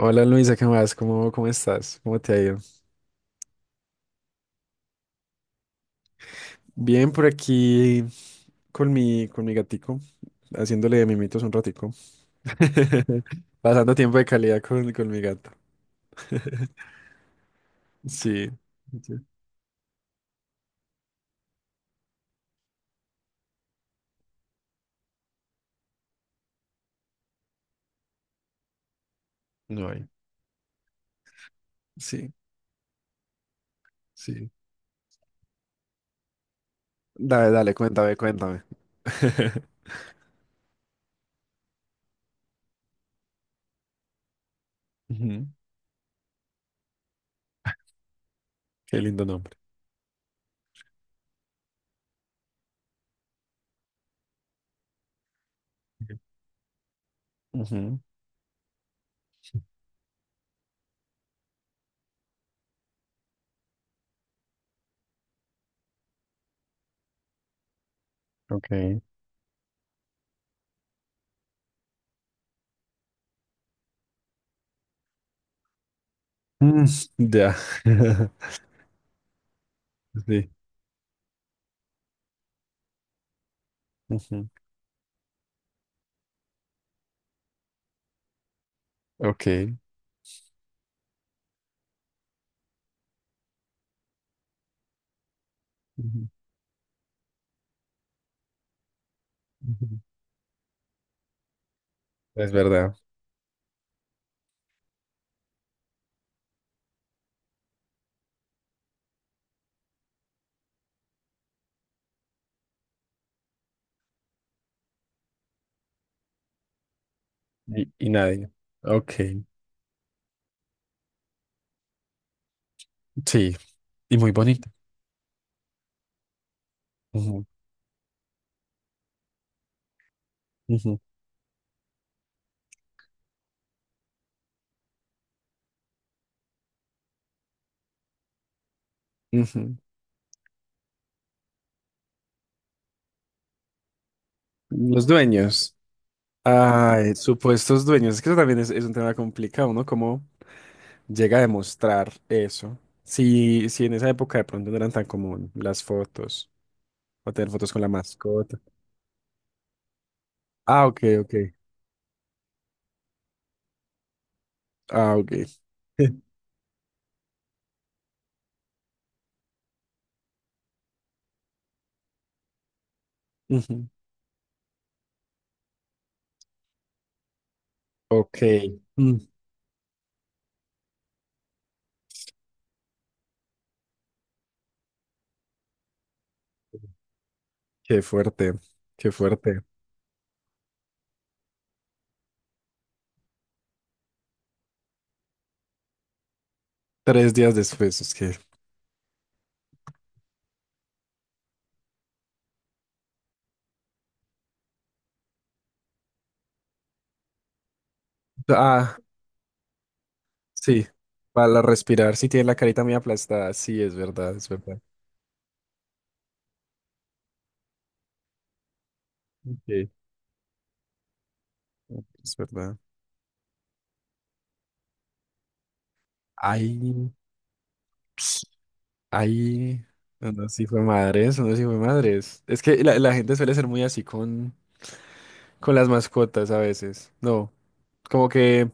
Hola Luisa, ¿qué más? ¿Cómo estás? ¿Cómo te ha ido? Bien por aquí con mi gatico, haciéndole de mimitos un ratico. Pasando tiempo de calidad con mi gato. Sí. Sí. No hay. Sí, sí. Dale, dale, cuéntame, cuéntame. Ujú. Qué lindo nombre. Ujú. Ok. Mm, ya. Sí. Ujú. Ok. Ujú, ujú. Es verdad. Y nadie. Ok, sí, y muy bonita. Ujú, ujú, ujú. Los dueños. Ay, supuestos dueños. Es que eso también es un tema complicado, ¿no? ¿Cómo llega a demostrar eso? Si en esa época de pronto no eran tan común las fotos o tener fotos con la mascota. Ah, ok, ok. Ah, ok. Ujú. Ok. Mm. Qué fuerte, qué fuerte. Tres días después, es que. Ah, sí, para respirar, sí tiene la carita muy aplastada, sí, es verdad, es verdad. Sí. Es verdad. Ay, ay, unos sí fue madres, unos sí fue madres. Es que la gente suele ser muy así con las mascotas a veces. No, como que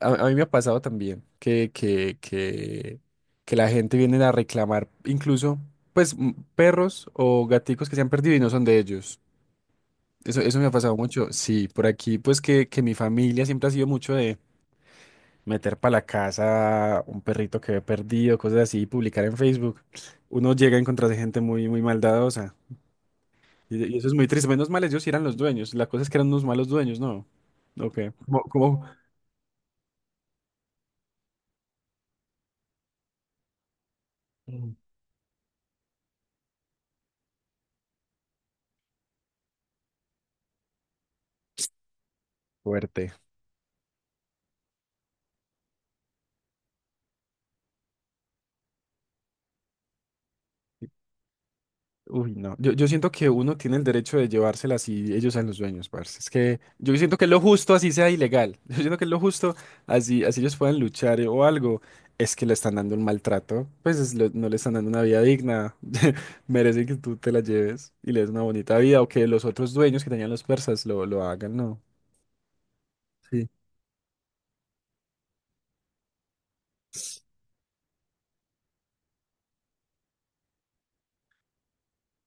a mí me ha pasado también que la gente viene a reclamar incluso, pues, perros o gaticos que se han perdido y no son de ellos. Eso me ha pasado mucho. Sí, por aquí, pues que mi familia siempre ha sido mucho de... meter para la casa un perrito que ve perdido, cosas así, y publicar en Facebook, uno llega a encontrarse gente muy, muy maldadosa. Y eso es muy triste. Menos mal ellos sí eran los dueños. La cosa es que eran unos malos dueños, ¿no? Ok. ¿Cómo, como Mm. Fuerte. Uy, no. Yo siento que uno tiene el derecho de llevársela si ellos sean los dueños, parce. Es que yo siento que es lo justo así sea ilegal. Yo siento que es lo justo así, así ellos puedan luchar o algo. Es que le están dando un maltrato. Pues es lo- no le están dando una vida digna. Merecen que tú te la lleves y le des una bonita vida o que los otros dueños que tenían los persas lo hagan, no. Sí.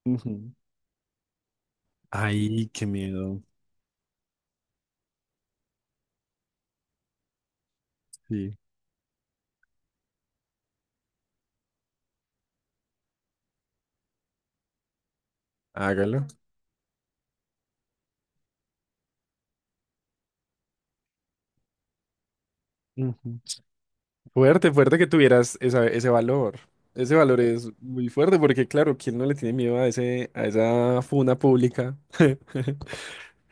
Ujú. Ay, qué miedo. Sí, hágalo. Ujú. Fuerte, fuerte que tuvieras esa- ese valor. Ese valor es muy fuerte porque, claro, ¿quién no le tiene miedo a ese, a esa funa pública?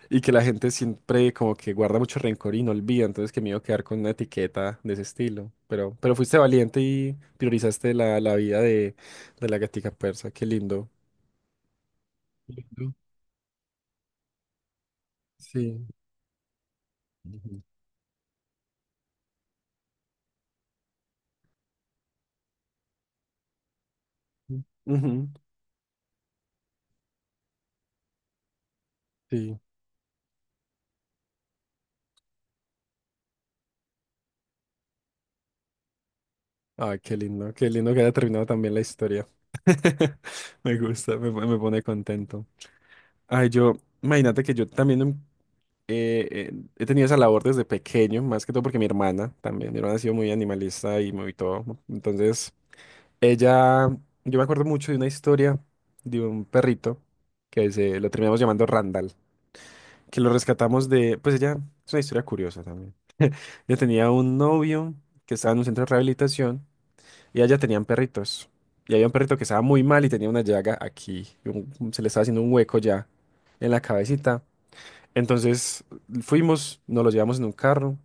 Y que la gente siempre como que guarda mucho rencor y no olvida, entonces que me iba a quedar con una etiqueta de ese estilo. Pero fuiste valiente y priorizaste la vida de la gatica persa, qué lindo. Lindo. Sí. Ujú. Ujú, sí. Ay, qué lindo que haya terminado también la historia. Me gusta, me pone contento. Ay, yo, imagínate que yo también he tenido esa labor desde pequeño, más que todo porque mi hermana también, mi hermana ha sido muy animalista y muy todo, ¿no? Entonces, ella, yo me acuerdo mucho de una historia de un perrito que se lo terminamos llamando Randall, que lo rescatamos de, pues ella, es una historia curiosa también. Ella tenía un novio que estaba en un centro de rehabilitación y allá tenían perritos. Y había un perrito que estaba muy mal y tenía una llaga aquí, y un- se le estaba haciendo un hueco ya en la cabecita. Entonces fuimos, nos lo llevamos en un carro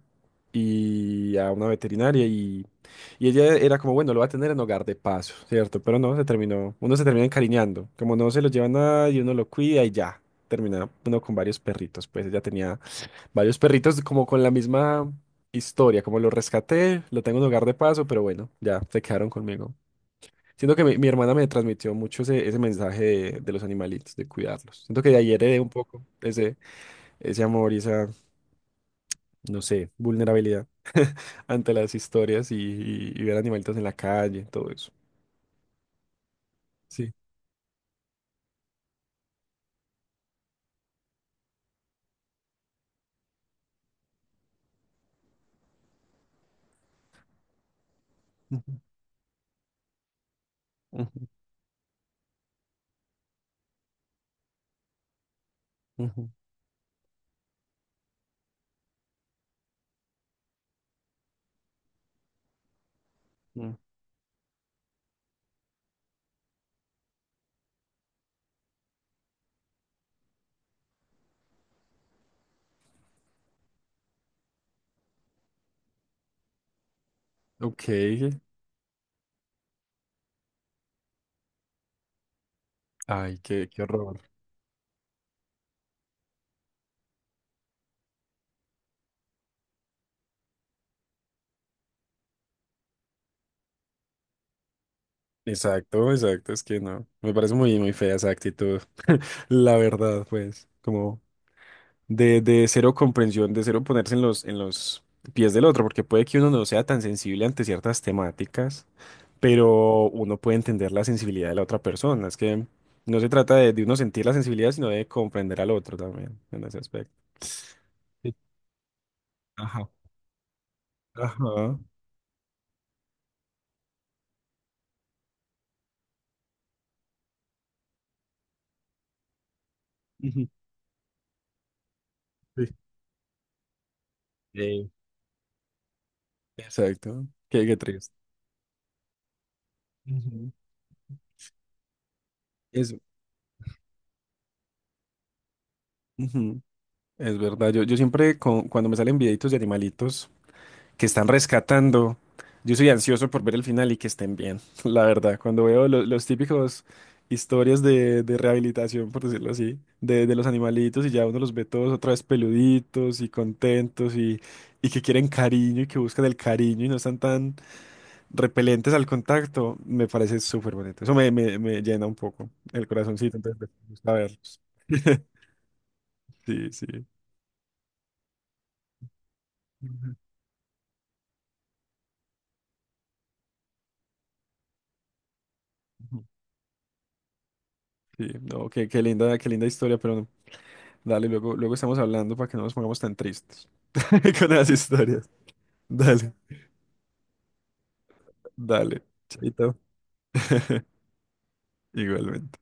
y a una veterinaria y ella era como, bueno, lo va a tener en hogar de paso, ¿cierto? Pero no, se terminó, uno se termina encariñando, como no se lo lleva nadie, uno lo cuida y ya, termina uno con varios perritos, pues ella tenía varios perritos como con la misma historia, como lo rescaté, lo tengo en hogar de paso, pero bueno, ya se quedaron conmigo. Siento que mi hermana me transmitió mucho ese, ese mensaje de los animalitos, de cuidarlos. Siento que de ahí heredé un poco ese ese amor y esa, no sé, vulnerabilidad ante las historias y ver animalitos en la calle, todo eso. Sí. Ujú, ujú, ujú, ujú. Ok. Ay, qué, qué horror. Exacto, exacto, es que no. Me parece muy, muy fea esa actitud. La verdad, pues, como de cero comprensión, de cero ponerse en los pies del otro, porque puede que uno no sea tan sensible ante ciertas temáticas. Pero uno puede entender la sensibilidad de la otra persona. Es que no se trata de uno sentir la sensibilidad, sino de comprender al otro también en ese aspecto. Sí. Ajá. Ajá. Ujú. Sí. Eh, exacto. Qué, qué triste. Ujú. Es, ujú, es verdad. Yo siempre, con- cuando me salen videitos de animalitos, que están rescatando. Yo soy ansioso por ver el final y que estén bien, la verdad. Cuando veo lo- los típicos historias de rehabilitación, por decirlo así, de los animalitos y ya uno los ve todos otra vez peluditos y contentos y que quieren cariño y que buscan el cariño y no están tan repelentes al contacto, me parece súper bonito. Eso me, me- me llena un poco el corazoncito, entonces me gusta verlos. Sí, sí. Ujú. Ujú. Sí, no, qué, qué linda historia, pero dale, luego, luego estamos hablando para que no nos pongamos tan tristes con las historias. Dale, dale, chaito. Igualmente.